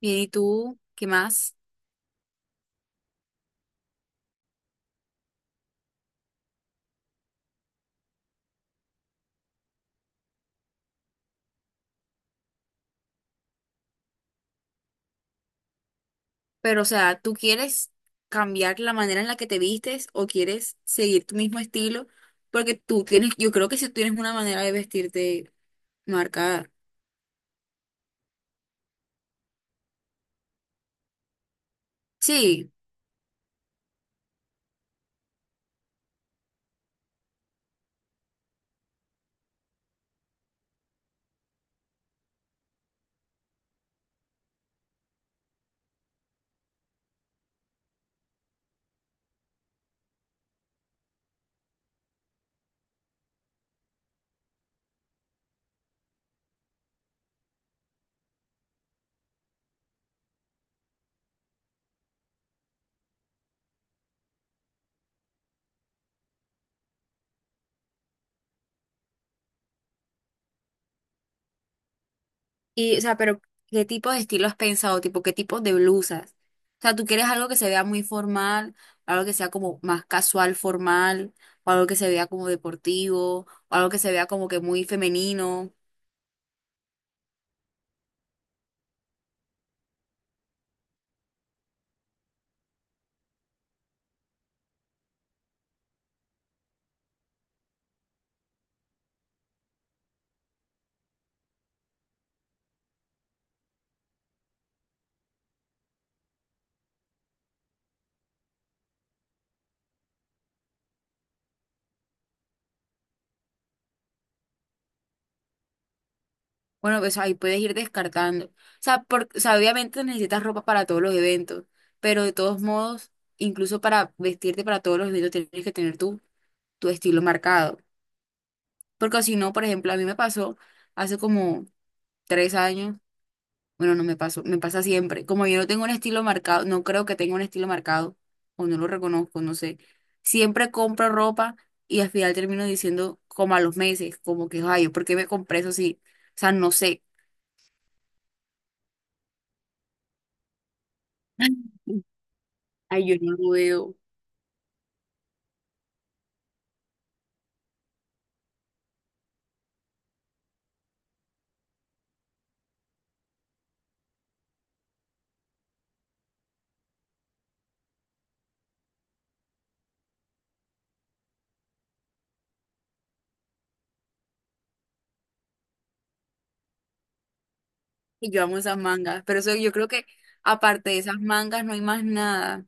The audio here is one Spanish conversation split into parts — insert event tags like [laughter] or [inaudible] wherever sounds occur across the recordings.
Bien, ¿y tú qué más? Pero, o sea, ¿tú quieres cambiar la manera en la que te vistes o quieres seguir tu mismo estilo? Porque tú tienes, yo creo que si tienes una manera de vestirte marcada. Sí, y, o sea, pero ¿qué tipo de estilo has pensado? Tipo, ¿qué tipo de blusas? O sea, ¿tú quieres algo que se vea muy formal, algo que sea como más casual, formal, o algo que se vea como deportivo, o algo que se vea como que muy femenino? Bueno, pues ahí puedes ir descartando. O sea, o sea, obviamente necesitas ropa para todos los eventos, pero de todos modos, incluso para vestirte para todos los eventos tienes que tener tu estilo marcado. Porque si no, por ejemplo, a mí me pasó hace como 3 años, bueno, no me pasó, me pasa siempre. Como yo no tengo un estilo marcado, no creo que tenga un estilo marcado, o no lo reconozco, no sé. Siempre compro ropa y al final termino diciendo como a los meses, como que, ay, ¿por qué me compré eso si, o sea, no sé. [laughs] Ay, yo no veo. Y yo amo esas mangas. Pero eso yo creo que aparte de esas mangas no hay más nada.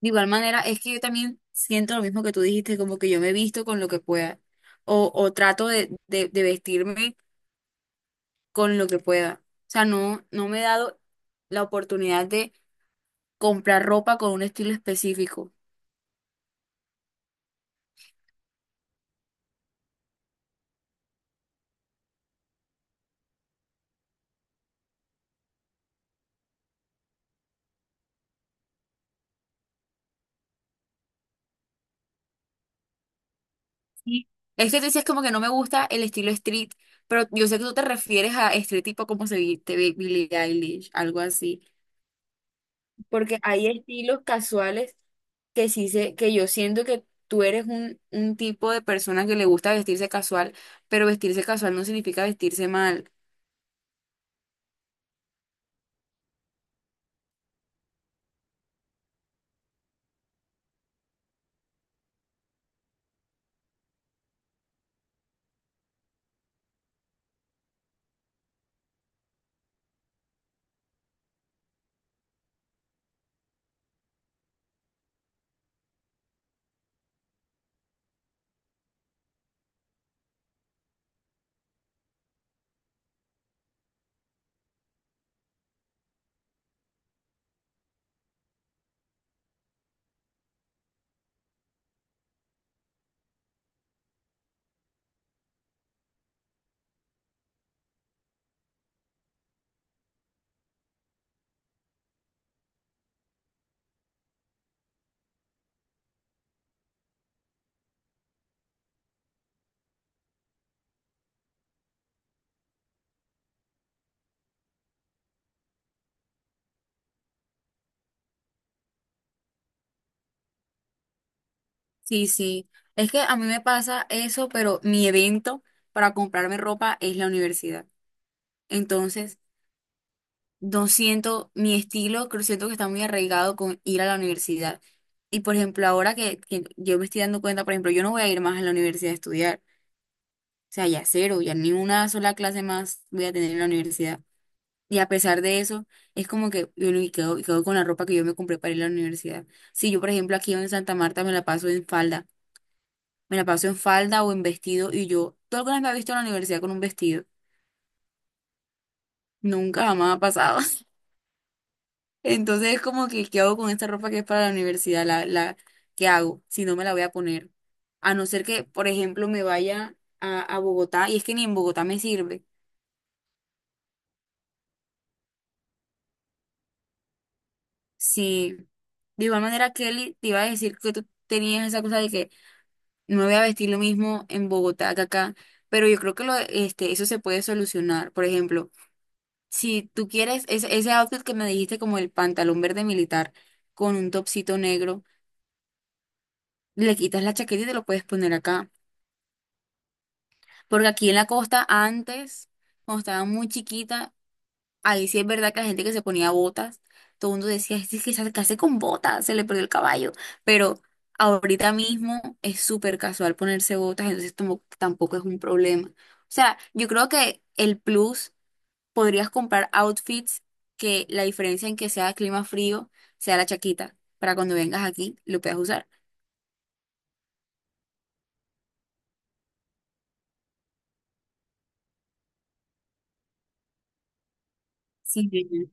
De igual manera, es que yo también siento lo mismo que tú dijiste, como que yo me visto con lo que pueda. O trato de vestirme con lo que pueda. O sea, no, no me he dado la oportunidad de comprar ropa con un estilo específico. Sí. Es que tú dices como que no me gusta el estilo street, pero yo sé que tú te refieres a street tipo como se viste Billie Eilish, algo así. Porque hay estilos casuales que sí se que yo siento que tú eres un tipo de persona que le gusta vestirse casual, pero vestirse casual no significa vestirse mal. Sí, sí. Es que a mí me pasa eso, pero mi evento para comprarme ropa es la universidad. Entonces, no siento mi estilo, creo siento que está muy arraigado con ir a la universidad. Y por ejemplo, ahora que yo me estoy dando cuenta, por ejemplo, yo no voy a ir más a la universidad a estudiar. O sea, ya cero, ya ni una sola clase más voy a tener en la universidad. Y a pesar de eso, es como que yo no- y quedo con la ropa que yo me compré para ir a la universidad. Si yo, por ejemplo, aquí en Santa Marta me la paso en falda o en vestido, y yo, ¿tú alguna vez me has visto en la universidad con un vestido? Nunca jamás ha pasado. [laughs] Entonces es como que, ¿qué hago con esta ropa que es para la universidad? ¿Qué hago? Si no me la voy a poner. A no ser que, por ejemplo, me vaya a Bogotá, y es que ni en Bogotá me sirve. Sí. De igual manera, Kelly, te iba a decir que tú tenías esa cosa de que no me voy a vestir lo mismo en Bogotá que acá, pero yo creo que eso se puede solucionar. Por ejemplo, si tú quieres ese outfit que me dijiste como el pantalón verde militar con un topsito negro, le quitas la chaqueta y te lo puedes poner acá. Porque aquí en la costa antes, cuando estaba muy chiquita, ahí sí es verdad que la gente que se ponía botas, todo el mundo decía, este es que se hace con botas, se le perdió el caballo. Pero ahorita mismo es súper casual ponerse botas, entonces tampoco es un problema. O sea, yo creo que el plus podrías comprar outfits que la diferencia en que sea clima frío sea la chaquita, para cuando vengas aquí lo puedas usar. Sí, sí, sí.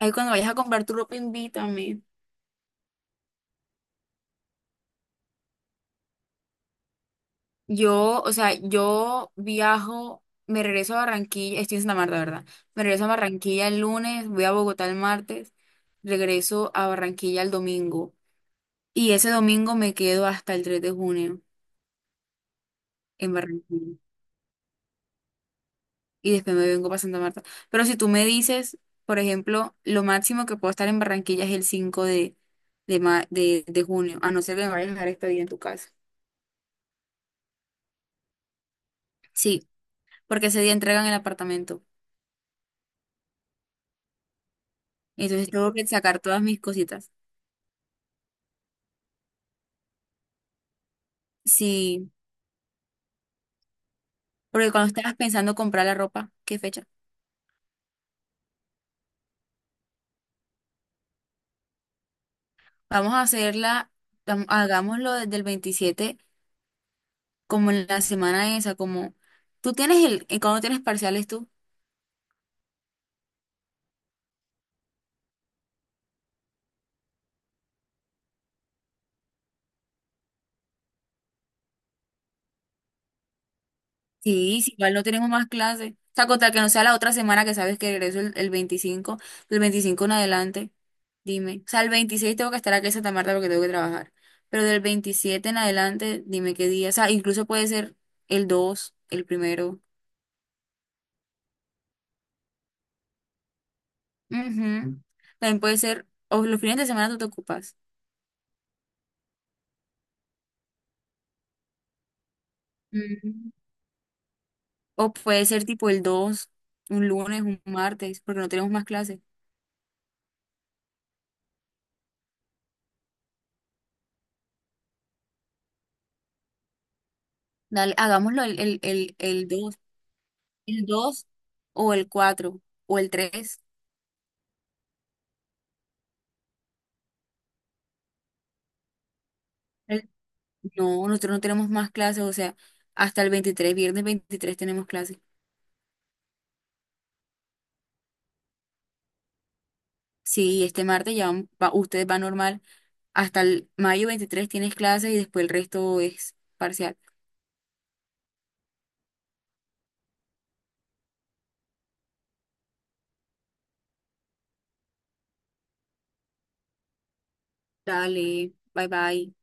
Ahí cuando vayas a comprar tu ropa, invítame. Yo, o sea, yo viajo, me regreso a Barranquilla, estoy en Santa Marta, ¿verdad? Me regreso a Barranquilla el lunes, voy a Bogotá el martes, regreso a Barranquilla el domingo. Y ese domingo me quedo hasta el 3 de junio en Barranquilla. Y después me vengo para Santa Marta. Pero si tú me dices, por ejemplo, lo máximo que puedo estar en Barranquilla es el 5 de junio, a no ser que me vayas a dejar este día en tu casa. Sí, porque ese día entregan el apartamento. Entonces tengo que sacar todas mis cositas. Sí. Porque cuando estabas pensando comprar la ropa, ¿qué fecha? Vamos a hacerla, hagámoslo desde el 27 como en la semana esa, como tú tienes ¿cuándo tienes parciales tú? Sí, sí, igual no tenemos más clases. O sea, contar que no sea la otra semana que sabes que regreso el 25, del 25 en adelante, dime. O sea, el 26 tengo que estar aquí en Santa Marta porque tengo que trabajar. Pero del 27 en adelante, dime qué día. O sea, incluso puede ser el dos, el primero. Ujú. También puede ser, o los fines de semana tú te ocupas. Mm. O puede ser tipo el dos, un lunes, un martes, porque no tenemos más clases. Dale, hagámoslo el dos o el 4 o el tres. El- No, nosotros no tenemos más clases, o sea, hasta el 23, viernes 23, tenemos clases. Sí, este martes ya ustedes van normal, hasta el mayo 23 tienes clases y después el resto es parcial. Dale, bye bye.